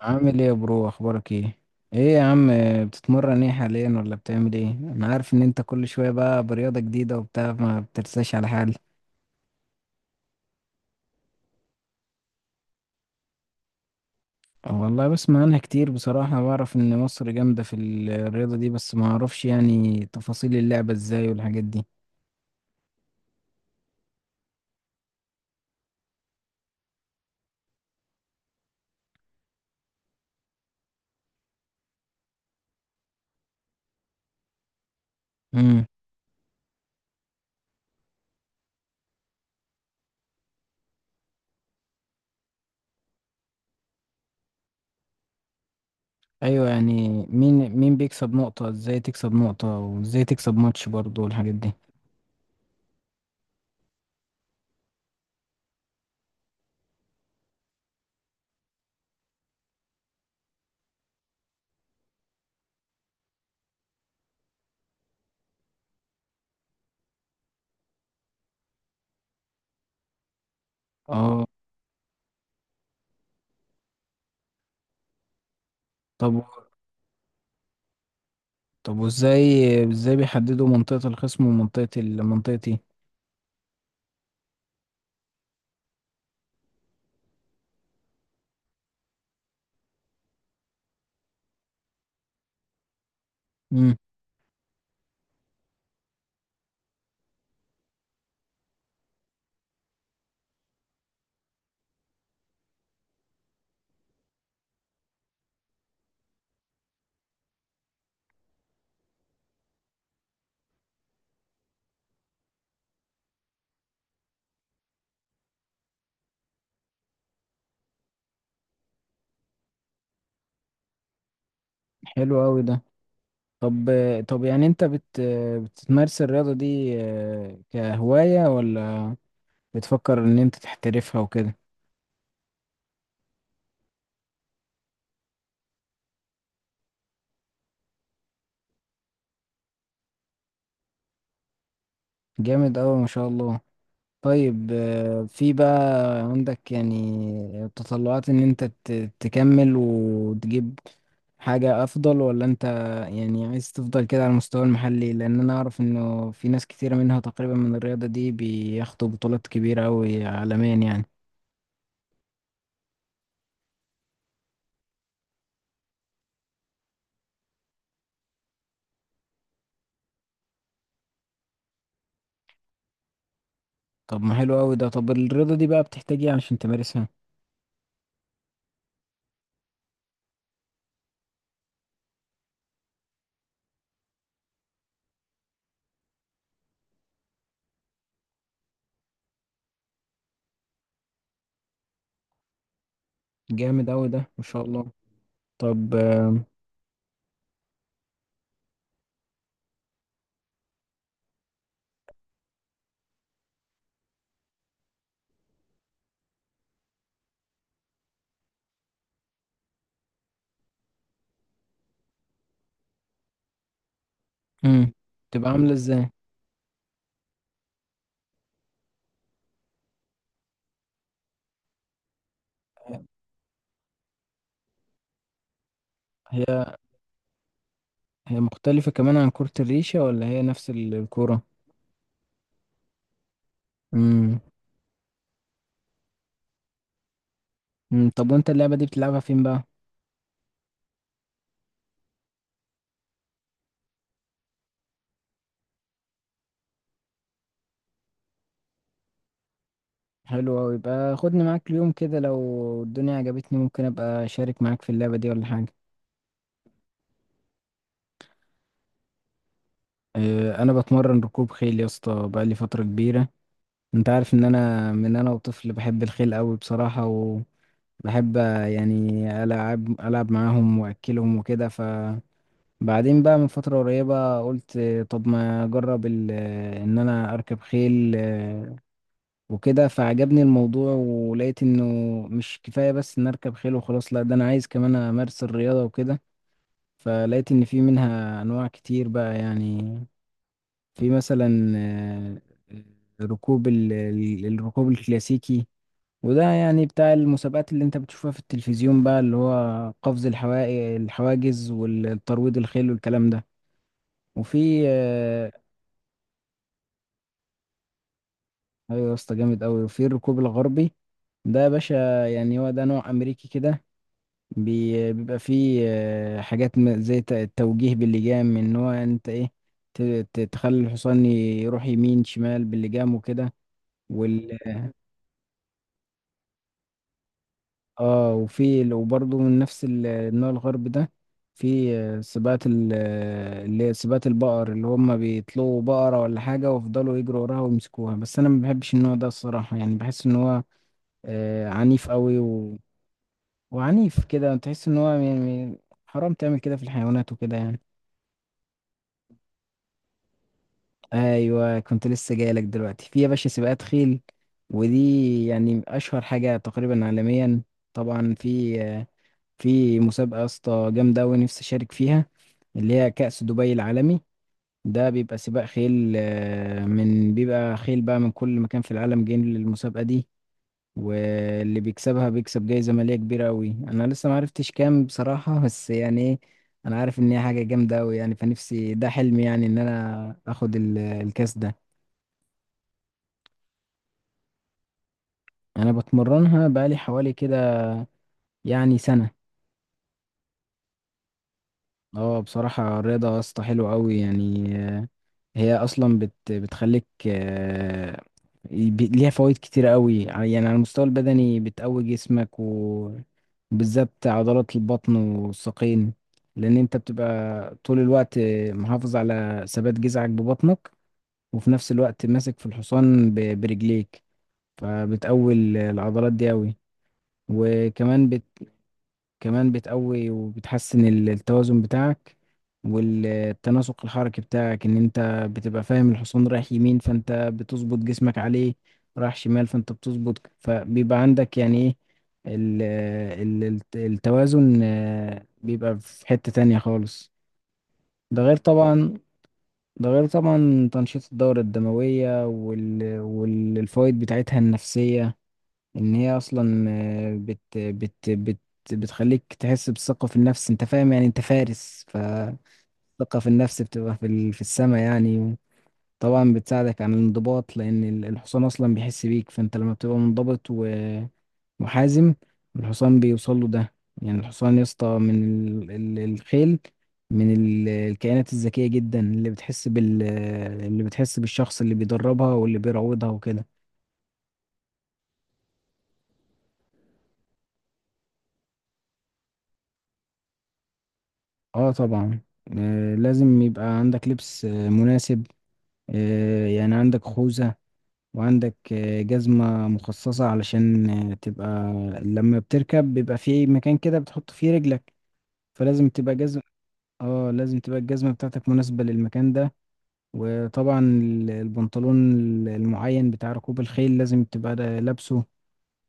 عامل ايه يا برو، اخبارك ايه؟ ايه يا عم؟ بتتمرن ايه حاليا ولا بتعمل ايه؟ انا عارف ان انت كل شوية بقى برياضة جديدة وبتاع، ما بترساش على حال. والله بسمع عنها كتير بصراحة، بعرف ان مصر جامدة في الرياضة دي، بس ما اعرفش يعني تفاصيل اللعبة ازاي والحاجات دي. امم. ايوه، يعني مين بيكسب نقطة؟ ازاي تكسب نقطة وازاي تكسب ماتش برضو والحاجات دي؟ اه، طب طب. ازاي بيحددوا منطقة الخصم ومنطقة منطقتي؟ امم. حلو قوي ده. طب طب يعني انت بتمارس الرياضة دي كهواية ولا بتفكر ان انت تحترفها وكده؟ جامد اوي، ما شاء الله. طيب في بقى عندك يعني تطلعات ان انت تكمل وتجيب حاجة افضل؟ ولا انت يعني عايز تفضل كده على المستوى المحلي؟ لان انا اعرف انه في ناس كتيرة منها تقريبا من الرياضة دي بياخدوا بطولات كبيرة اوي عالميا يعني. طب ما حلو اوي ده. طب الرياضة دي بقى بتحتاج ايه عشان تمارسها؟ جامد أوي ده، ما شاء الله. طب مم. تبقى عاملة ازاي؟ هي هي مختلفة كمان عن كرة الريشة ولا هي نفس الكورة؟ مم. مم. طب وانت اللعبة دي بتلعبها فين بقى؟ حلو أوي. يبقى خدني معاك اليوم كده، لو الدنيا عجبتني ممكن أبقى أشارك معاك في اللعبة دي ولا حاجة. أنا بتمرن ركوب خيل يا اسطى بقالي فترة كبيرة. انت عارف ان انا من انا وطفل بحب الخيل أوي بصراحة. وبحب يعني العب العب معاهم واكلهم وكده. ف بعدين بقى من فترة قريبة قلت طب ما أجرب إن أنا أركب خيل وكده، فعجبني الموضوع ولقيت إنه مش كفاية بس إن أركب خيل وخلاص. لأ، ده أنا عايز كمان أمارس الرياضة وكده. فلقيت إن في منها أنواع كتير بقى يعني. في مثلا ركوب الركوب الكلاسيكي، وده يعني بتاع المسابقات اللي انت بتشوفها في التلفزيون بقى، اللي هو قفز الحواجز والترويض الخيل والكلام ده. وفي ايوه يا اسطى، جامد قوي. وفي الركوب الغربي، ده يا باشا يعني هو ده نوع امريكي كده. بيبقى فيه حاجات زي التوجيه باللجام، ان هو انت ايه، تخلي الحصان يروح يمين شمال باللجام وكده. وال اه، وفي وبرضه من نفس النوع الغربي ده في سباقات اللي هي سباقات البقر، اللي هم بيطلقوا بقرة ولا حاجة ويفضلوا يجروا وراها ويمسكوها. بس أنا ما بحبش النوع ده الصراحة، يعني بحس إن هو عنيف قوي وعنيف كده، تحس ان هو يعني حرام تعمل كده في الحيوانات وكده يعني. ايوه، كنت لسه جاي لك دلوقتي. في يا باشا سباقات خيل، ودي يعني اشهر حاجه تقريبا عالميا. طبعا في مسابقه يا اسطى جامده قوي نفسي اشارك فيها، اللي هي كأس دبي العالمي. ده بيبقى سباق خيل من بيبقى خيل بقى من كل مكان في العالم جايين للمسابقه دي، واللي بيكسبها بيكسب جايزة مالية كبيرة أوي. أنا لسه معرفتش كام بصراحة، بس يعني إيه، أنا عارف إن هي حاجة جامدة أوي يعني. فنفسي، ده حلمي، يعني إن أنا آخد الكاس ده. أنا بتمرنها بقالي حوالي كده يعني سنة. اه، بصراحة الرياضة يا اسطى حلوة أوي يعني. هي اصلا بتخليك ليها فوائد كتير قوي يعني. على المستوى البدني بتقوي جسمك وبالذات عضلات البطن والساقين، لان انت بتبقى طول الوقت محافظ على ثبات جذعك ببطنك، وفي نفس الوقت ماسك في الحصان برجليك، فبتقوي العضلات دي قوي. وكمان بتقوي وبتحسن التوازن بتاعك، والتناسق الحركي بتاعك، ان انت بتبقى فاهم الحصان رايح يمين فانت بتظبط جسمك عليه، رايح شمال فانت بتظبط، فبيبقى عندك يعني ايه، ال- التوازن بيبقى في حتة تانية خالص. ده غير طبعا ده غير طبعا تنشيط الدورة الدموية والفوائد بتاعتها النفسية، ان هي اصلا بت بت بت بتخليك تحس بالثقة في النفس، انت فاهم، يعني انت فارس، فالثقة في النفس بتبقى في السماء يعني. طبعا بتساعدك عن الانضباط لان الحصان اصلا بيحس بيك، فانت لما بتبقى منضبط ومحازم الحصان بيوصل له ده. يعني الحصان يا اسطى من الخيل، من الكائنات الذكية جدا اللي بتحس بالشخص اللي بيدربها واللي بيروضها وكده. اه طبعا. لازم يبقى عندك لبس مناسب، يعني عندك خوذة، وعندك جزمة مخصصة، علشان تبقى لما بتركب بيبقى في مكان كده بتحط فيه رجلك، فلازم تبقى جزمة. اه، لازم تبقى الجزمة بتاعتك مناسبة للمكان ده. وطبعا البنطلون المعين بتاع ركوب الخيل لازم تبقى لابسه.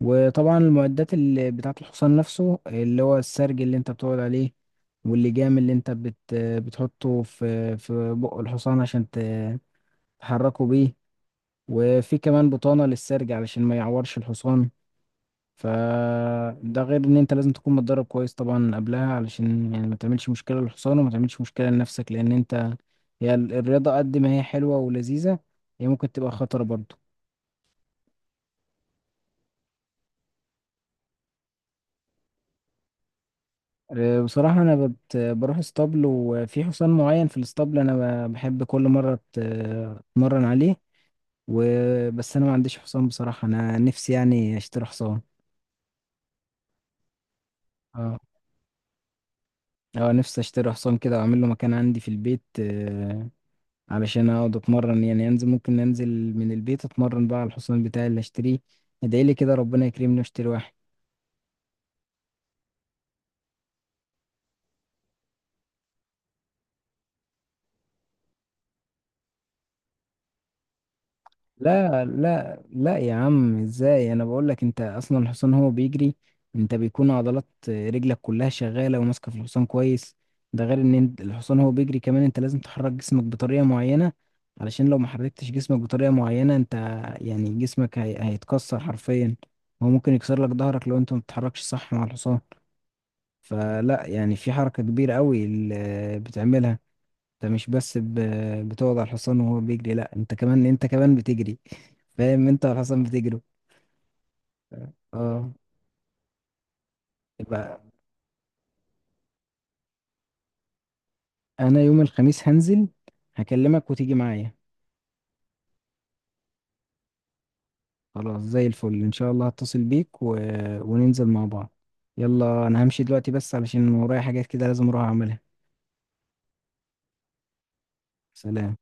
وطبعا المعدات اللي بتاعة الحصان نفسه، اللي هو السرج اللي انت بتقعد عليه، واللجام اللي انت بتحطه في بق الحصان عشان تحركه بيه. وفي كمان بطانة للسرج علشان ما يعورش الحصان. فده غير ان انت لازم تكون متدرب كويس طبعا قبلها، علشان يعني ما تعملش مشكلة للحصان وما تعملش مشكلة لنفسك، لان انت، هي الرياضة قد ما هي حلوة ولذيذة، هي ممكن تبقى خطرة برضه. بصراحة أنا بروح اسطبل، وفي حصان معين في الاسطبل أنا بحب كل مرة أتمرن عليه. وبس أنا ما عنديش حصان بصراحة، أنا نفسي يعني أشتري حصان. اه. أه، نفسي أشتري حصان كده وأعمل له مكان عندي في البيت، علشان أقعد أتمرن يعني، ممكن أنزل من البيت أتمرن بقى على الحصان بتاعي اللي أشتريه. ادعيلي كده ربنا يكرمني وأشتري واحد. لا لا لا يا عم، ازاي؟ انا بقول لك انت اصلا الحصان هو بيجري، انت بيكون عضلات رجلك كلها شغاله وماسكه في الحصان كويس. ده غير ان الحصان هو بيجري كمان، انت لازم تحرك جسمك بطريقه معينه، علشان لو ما حركتش جسمك بطريقه معينه انت يعني جسمك هيتكسر حرفيا. هو ممكن يكسر لك ظهرك لو انت ما بتتحركش صح مع الحصان. فلا يعني في حركه كبيره قوي اللي بتعملها. انت مش بس بتقعد على الحصان وهو بيجري، لا، انت كمان بتجري، فاهم؟ انت على الحصان بتجري. اه، يبقى انا يوم الخميس هنزل، هكلمك وتيجي معايا. خلاص، زي الفل ان شاء الله هتصل بيك وننزل مع بعض. يلا انا همشي دلوقتي بس علشان ورايا حاجات كده لازم اروح اعملها. سلام.